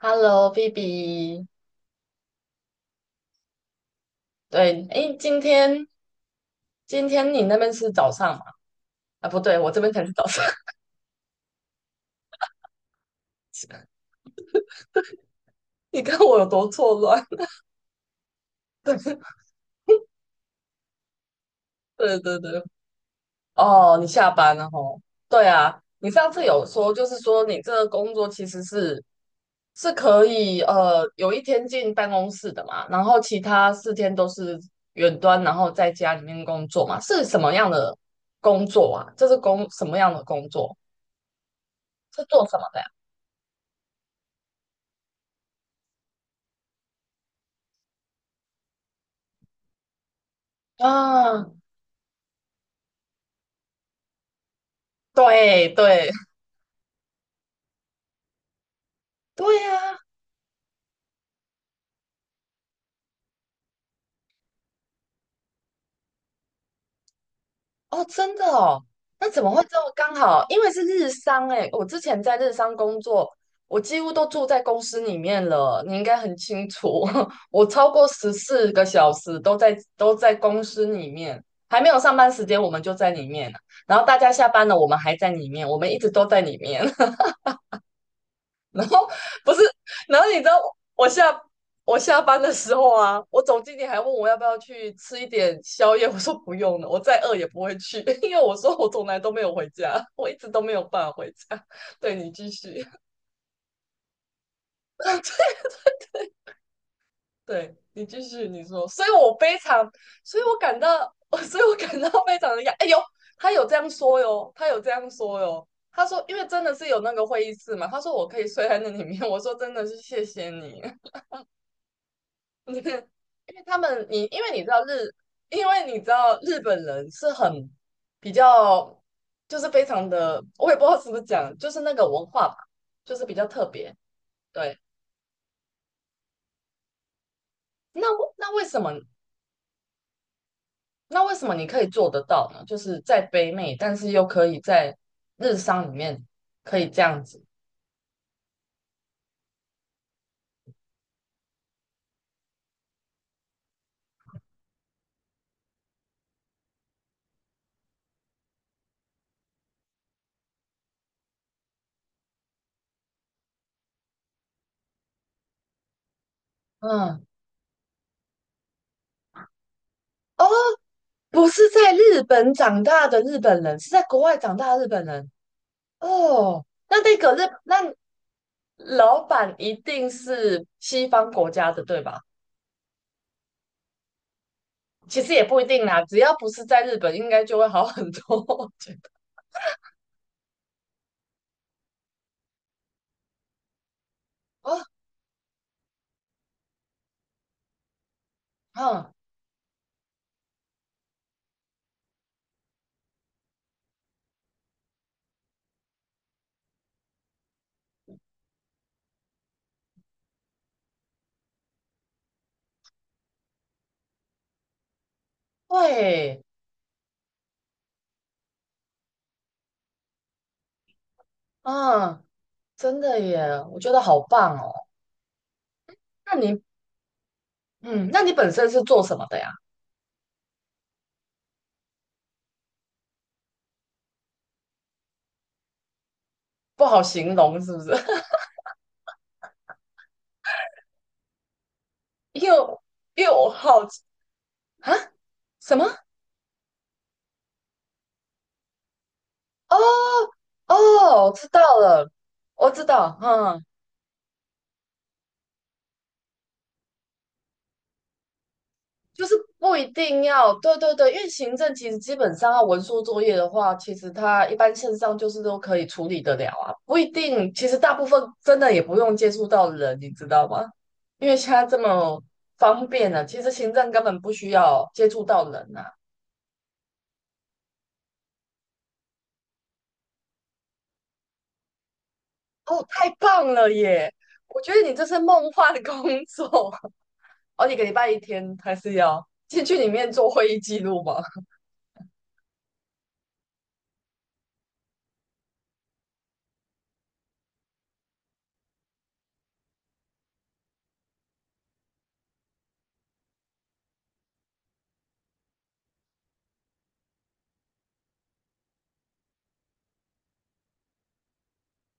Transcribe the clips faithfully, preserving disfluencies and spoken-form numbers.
Hello，B B。对，诶，今天今天你那边是早上嘛？啊，不对，我这边才是早上。你看我有多错乱。对对对，对。哦，你下班了吼。对啊，你上次有说，就是说你这个工作其实是是可以呃有一天进办公室的嘛，然后其他四天都是远端，然后在家里面工作嘛，是什么样的工作啊？这是工什么样的工作？是做什么的呀？啊，对对，对呀，哦，真的哦，那怎么会这么刚好？因为是日商诶，我之前在日商工作，我几乎都住在公司里面了，你应该很清楚，我超过十四个小时都在都在公司里面，还没有上班时间我们就在里面了，然后大家下班了我们还在里面，我们一直都在里面。后不是，然后你知道我下我下班的时候啊，我总经理还问我要不要去吃一点宵夜，我说不用了，我再饿也不会去，因为我说我从来都没有回家，我一直都没有办法回家。对你继续，对你继续，你说，所以我非常，所以我感到，所以我感到非常的压，哎呦，他有这样说哟，他有这样说哟。他说，因为真的是有那个会议室嘛，他说我可以睡在那里面。我说真的是谢谢你，你，因为他们，你因为你知道日，因为你知道日本人是很比较，就是非常的，我也不知道是不是讲，就是那个文化吧，就是比较特别。对，那为那为什么那为什么你可以做得到呢？就是在北美，但是又可以在日商里面可以这样子。嗯，哦，不是在日本长大的日本人，是在国外长大的日本人。哦，那那个日，那老板一定是西方国家的，对吧？其实也不一定啦，只要不是在日本，应该就会好很多。我觉得 哦，嗯，会，嗯，真的耶，我觉得好棒哦。那你，嗯，那你本身是做什么的呀？不好形容是不是？又又好奇啊，什么？哦哦，我知道了，我知道，嗯就是不一定要，对对对，因为行政其实基本上要文书作业的话，其实它一般线上就是都可以处理得了啊，不一定，其实大部分真的也不用接触到人，你知道吗？因为现在这么方便了，其实行政根本不需要接触到人啊。哦，太棒了耶！我觉得你这是梦幻的工作，哦，你个礼拜一天还是要进去里面做会议记录吗？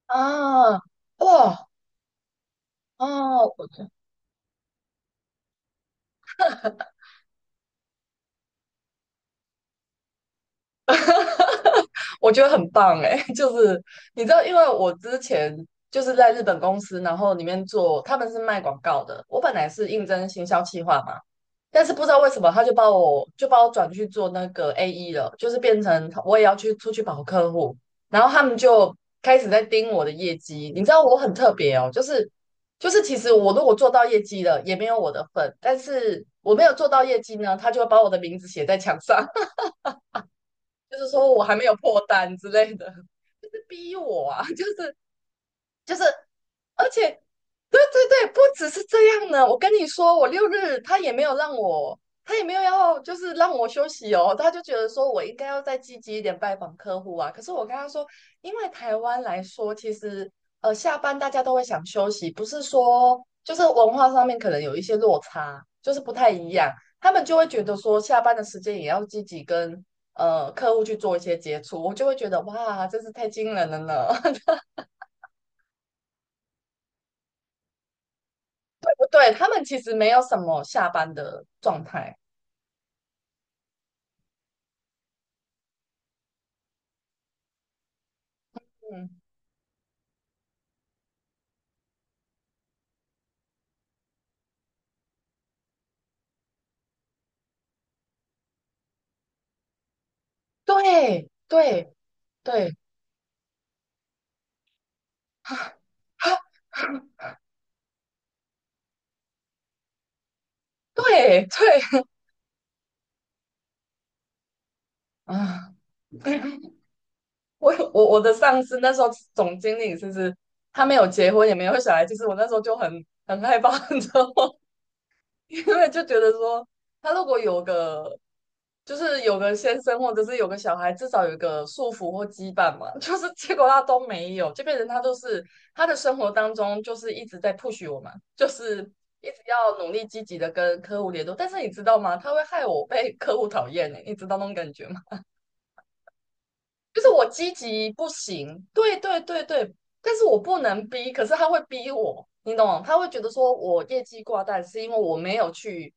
啊，哇，哦，我觉得很棒哎、就是你知道，因为我之前就是在日本公司，然后里面做，他们是卖广告的。我本来是应征行销企划嘛，但是不知道为什么他就把我就把我转去做那个 A E 了，就是变成我也要去出去跑客户，然后他们就开始在盯我的业绩。你知道我很特别哦，就是就是其实我如果做到业绩了，也没有我的份，但是我没有做到业绩呢，他就会把我的名字写在墙上。就是说我还没有破单之类的，就是逼我啊，就是就是而且，对对对，不只是这样呢。我跟你说，我六日他也没有让我，他也没有要就是让我休息哦，他就觉得说我应该要再积极一点拜访客户啊。可是我跟他说，因为台湾来说，其实呃下班大家都会想休息，不是说就是文化上面可能有一些落差，就是不太一样，他们就会觉得说下班的时间也要积极跟呃客户去做一些接触，我就会觉得哇，真是太惊人了呢。不对，他们其实没有什么下班的状态。嗯，对对对，啊啊，对对啊，我我我的上司那时候总经理就是他没有结婚也没有小孩，其实我那时候就很很害怕，你知道吗？因为就觉得说他如果有个就是有个先生或者是有个小孩，至少有一个束缚或羁绊嘛。就是结果他都没有，这变成他都是他的生活当中就是一直在 push 我们，就是一直要努力积极的跟客户联络。但是你知道吗？他会害我被客户讨厌呢，你知道那种感觉吗？就是我积极不行，对对对对，但是我不能逼，可是他会逼我，你懂吗？他会觉得说我业绩挂蛋是因为我没有去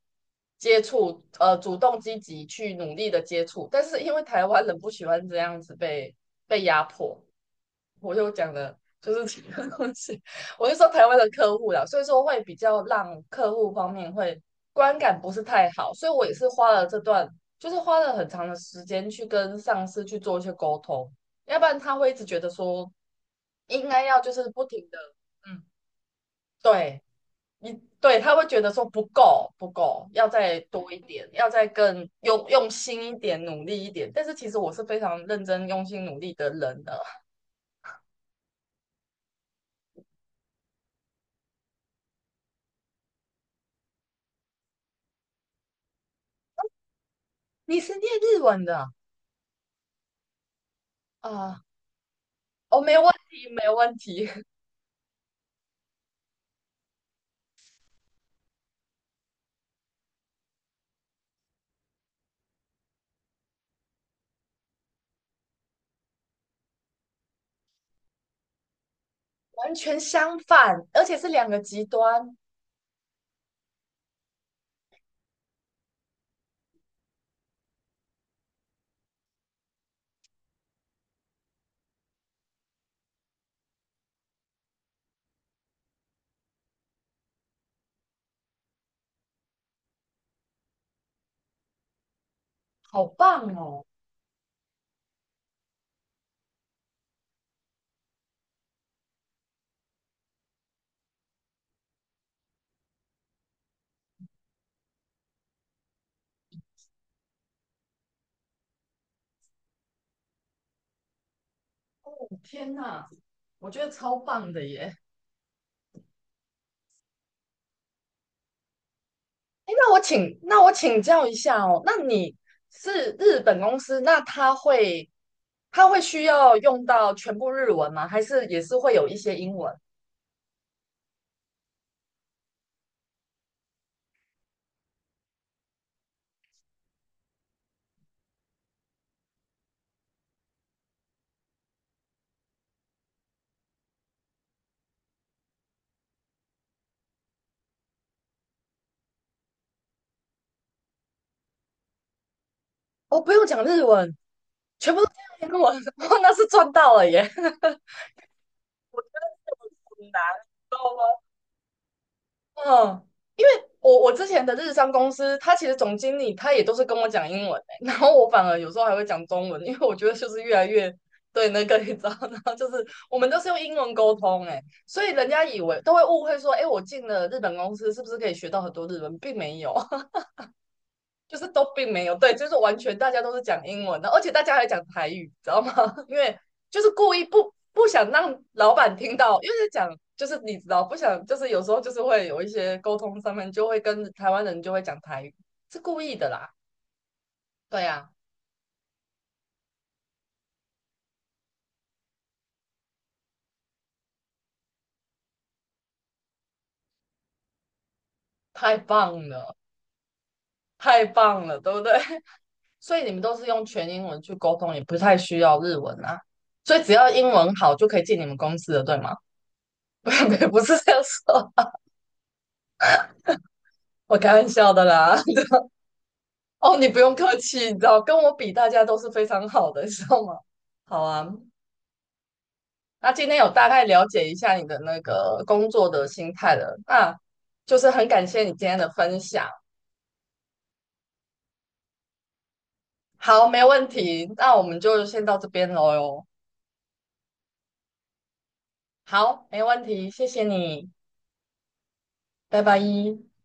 接触，呃，主动积极去努力的接触，但是因为台湾人不喜欢这样子被被压迫，我就讲的就是这个东西，我就说台湾的客户啦，所以说会比较让客户方面会观感不是太好，所以我也是花了这段就是花了很长的时间去跟上司去做一些沟通，要不然他会一直觉得说应该要就是不停的，嗯，对，你对他会觉得说不够不够，要再多一点，要再更用用心一点，努力一点。但是其实我是非常认真用心努力的人的。你是念日文的啊？啊哦，没问题，没问题，完全相反，而且是两个极端，好棒哦！天哪，我觉得超棒的耶。诶那我请，那我请教一下哦，那你是日本公司，那他会他会需要用到全部日文吗？还是也是会有一些英文？哦，不用讲日文，全部都讲英文，哇，那是赚到了耶！很难道吗，嗯我我之前的日商公司，他其实总经理他也都是跟我讲英文、欸，然后我反而有时候还会讲中文，因为我觉得就是越来越对那个你知道，然后就是我们都是用英文沟通、欸，哎，所以人家以为都会误会说，哎、欸我进了日本公司是不是可以学到很多日文，并没有，就是都并没有，对，就是完全大家都是讲英文的，而且大家还讲台语，知道吗？因为就是故意不不想让老板听到，因为是讲就是你知道，不想就是有时候就是会有一些沟通上面就会跟台湾人就会讲台语，是故意的啦。对呀、啊太棒了，太棒了，对不对？所以你们都是用全英文去沟通，也不太需要日文啊。所以只要英文好就可以进你们公司了，对吗？不，不是这样说，我开玩笑的啦。哦，你不用客气，你知道，跟我比，大家都是非常好的，你知道吗？好啊，那今天有大概了解一下你的那个工作的心态了，那就是很感谢你今天的分享。好，没问题，那我们就先到这边喽哟。好，没问题，谢谢你，拜拜。